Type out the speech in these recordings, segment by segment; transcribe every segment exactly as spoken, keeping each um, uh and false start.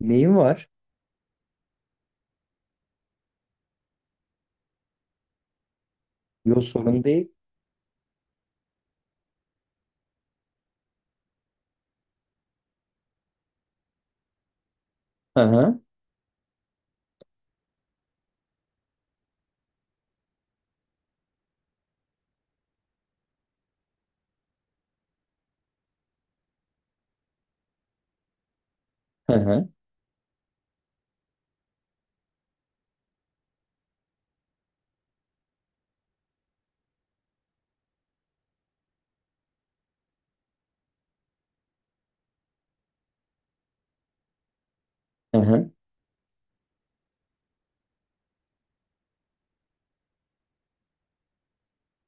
Neyim var? Yok, sorun değil. Hı hı. Hı hı. Hı hı.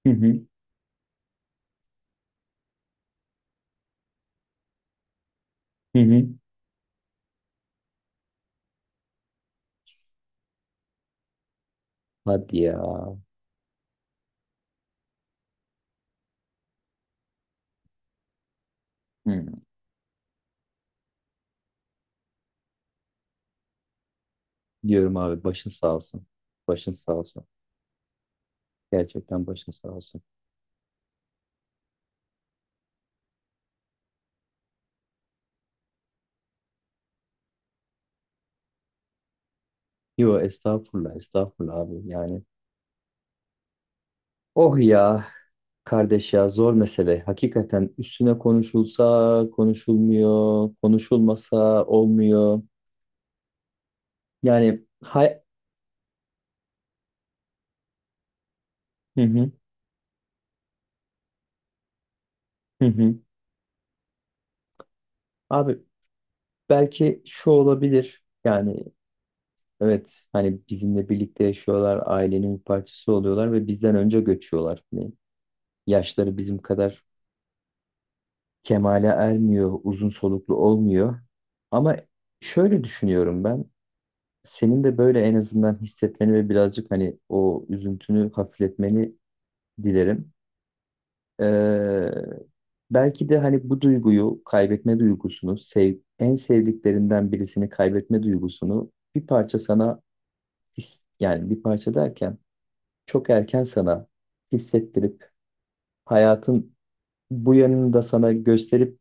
Hı hı. Hı hı. Hadi ya. Hı. Diyorum abi, başın sağ olsun. Başın sağ olsun. Gerçekten başın sağ olsun. Yo, estağfurullah estağfurullah abi yani. Oh ya, kardeş ya, zor mesele. Hakikaten üstüne konuşulsa konuşulmuyor. Konuşulmasa olmuyor. Yani hay... Hı hı. Hı hı. Abi, belki şu olabilir. Yani, evet, hani bizimle birlikte yaşıyorlar, ailenin bir parçası oluyorlar ve bizden önce göçüyorlar. Hani yaşları bizim kadar kemale ermiyor, uzun soluklu olmuyor. Ama şöyle düşünüyorum ben, senin de böyle en azından hissetmeni ve birazcık hani o üzüntünü hafifletmeni dilerim. Ee, Belki de hani bu duyguyu, kaybetme duygusunu, sev, en sevdiklerinden birisini kaybetme duygusunu bir parça sana his, yani bir parça derken çok erken sana hissettirip hayatın bu yanını da sana gösterip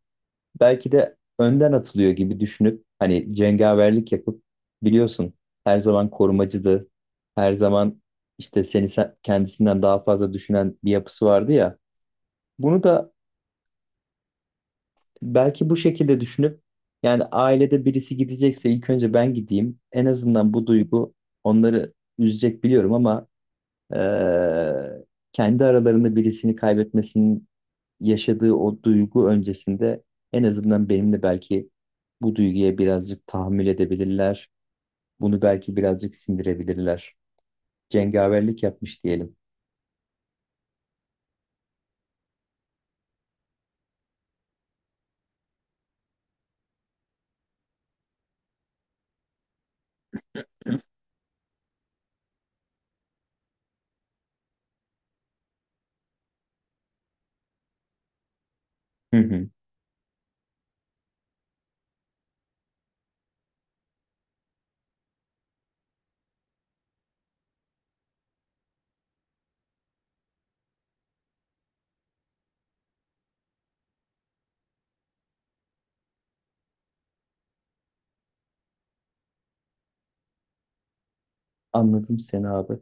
belki de önden atılıyor gibi düşünüp hani cengaverlik yapıp, biliyorsun, her zaman korumacıydı. Her zaman işte seni sen- kendisinden daha fazla düşünen bir yapısı vardı ya. Bunu da belki bu şekilde düşünüp, yani ailede birisi gidecekse ilk önce ben gideyim. En azından bu duygu onları üzecek biliyorum ama eee, kendi aralarında birisini kaybetmesinin yaşadığı o duygu öncesinde en azından benimle belki bu duyguya birazcık tahammül edebilirler. Bunu belki birazcık sindirebilirler. Cengaverlik yapmış diyelim. Hı hı. Anladım seni abi.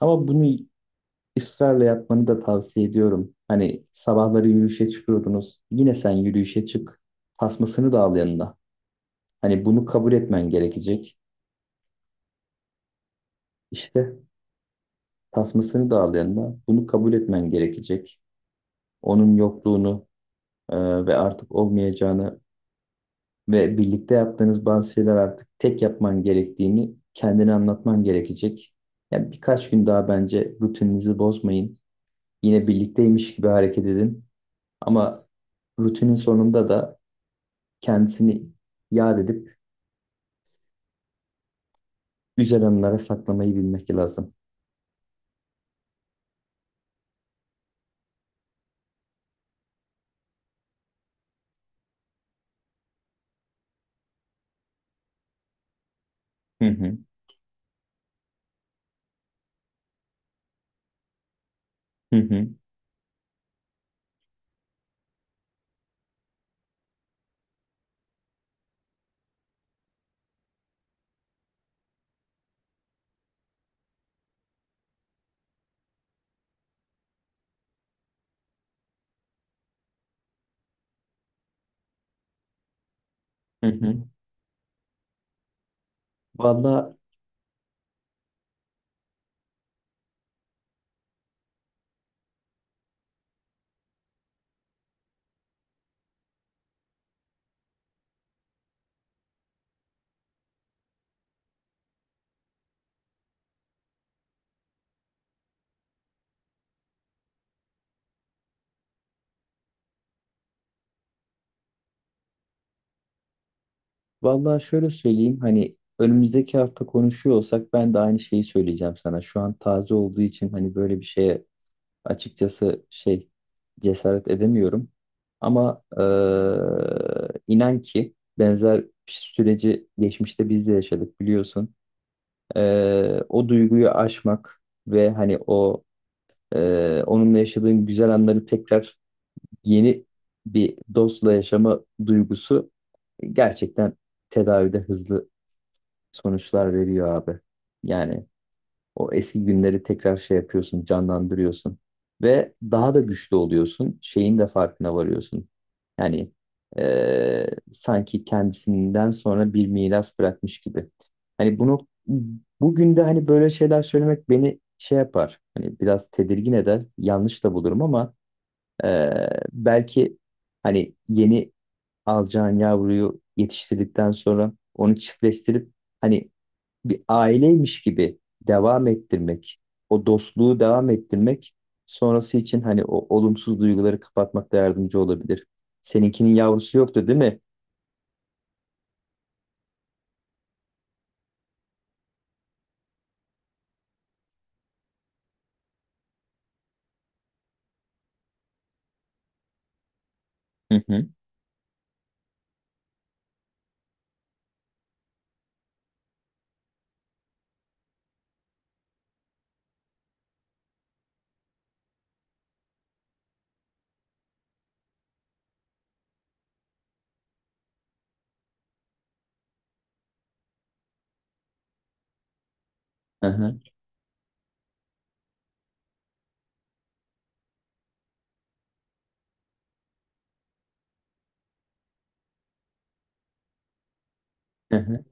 Ama bunu ısrarla yapmanı da tavsiye ediyorum. Hani sabahları yürüyüşe çıkıyordunuz. Yine sen yürüyüşe çık. Tasmasını da al yanına. Hani bunu kabul etmen gerekecek. İşte tasmasını da al yanına. Bunu kabul etmen gerekecek. Onun yokluğunu, e, ve artık olmayacağını ve birlikte yaptığınız bazı şeyler artık tek yapman gerektiğini kendine anlatman gerekecek. Yani birkaç gün daha bence rutininizi bozmayın. Yine birlikteymiş gibi hareket edin. Ama rutinin sonunda da kendisini yad edip güzel anılara saklamayı bilmek lazım. Hı hı, hı hı, hı hı. Vallahi, vallahi şöyle söyleyeyim, hani önümüzdeki hafta konuşuyor olsak ben de aynı şeyi söyleyeceğim sana. Şu an taze olduğu için hani böyle bir şeye, açıkçası şey, cesaret edemiyorum. Ama eee, inan ki benzer süreci geçmişte biz de yaşadık, biliyorsun. Eee, o duyguyu aşmak ve hani o eee, onunla yaşadığın güzel anları tekrar yeni bir dostla yaşama duygusu gerçekten tedavide hızlı sonuçlar veriyor abi. Yani o eski günleri tekrar şey yapıyorsun, canlandırıyorsun. Ve daha da güçlü oluyorsun. Şeyin de farkına varıyorsun. Yani eee, sanki kendisinden sonra bir miras bırakmış gibi. Hani bunu bugün de hani böyle şeyler söylemek beni şey yapar. Hani biraz tedirgin eder. Yanlış da bulurum ama eee, belki hani yeni alacağın yavruyu yetiştirdikten sonra onu çiftleştirip hani bir aileymiş gibi devam ettirmek, o dostluğu devam ettirmek sonrası için hani o olumsuz duyguları kapatmakta yardımcı olabilir. Seninkinin yavrusu yoktu değil mi? Hı hı, hı hı, hı hı.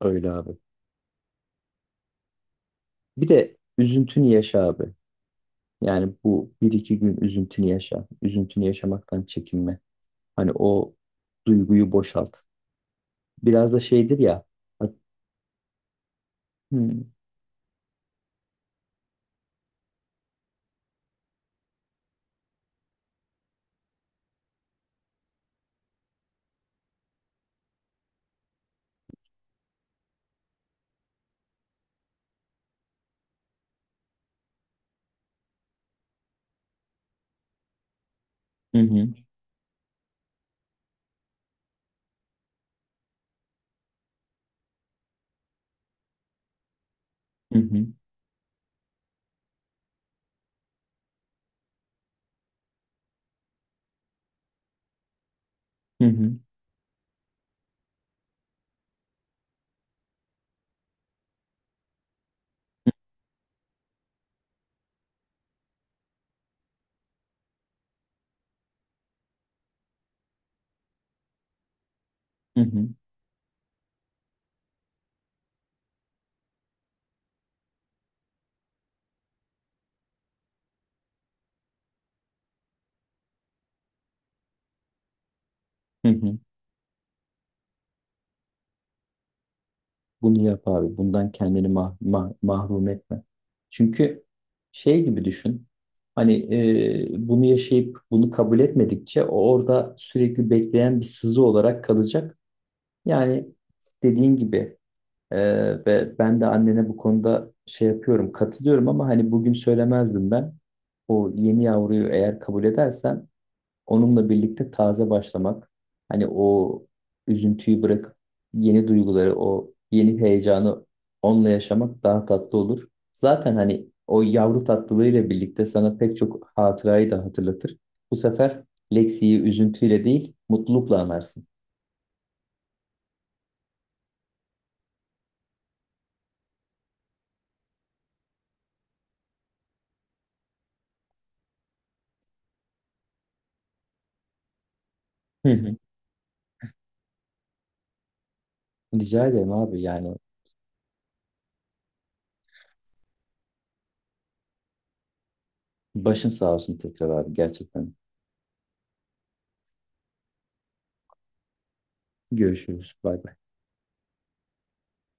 Öyle abi. Bir de üzüntünü yaşa abi. Yani bu bir iki gün üzüntünü yaşa. Üzüntünü yaşamaktan çekinme. Hani o duyguyu boşalt. Biraz da şeydir ya. Hı hı, hı hı, hı hı, hı hı, hı hı. Bunu yap abi. Bundan kendini mah mah- mahrum etme. Çünkü şey gibi düşün. Hani, e, bunu yaşayıp bunu kabul etmedikçe o orada sürekli bekleyen bir sızı olarak kalacak. Yani dediğin gibi, e, ve ben de annene bu konuda şey yapıyorum, katılıyorum, ama hani bugün söylemezdim ben. O yeni yavruyu eğer kabul edersen, onunla birlikte taze başlamak, hani o üzüntüyü bırakıp yeni duyguları, o yeni heyecanı onunla yaşamak daha tatlı olur. Zaten hani o yavru tatlılığıyla birlikte sana pek çok hatırayı da hatırlatır. Bu sefer Lexi'yi üzüntüyle değil, mutlulukla anarsın. Hı hı. Rica ederim abi yani. Başın sağ olsun tekrar abi, gerçekten. Görüşürüz. Bay bay.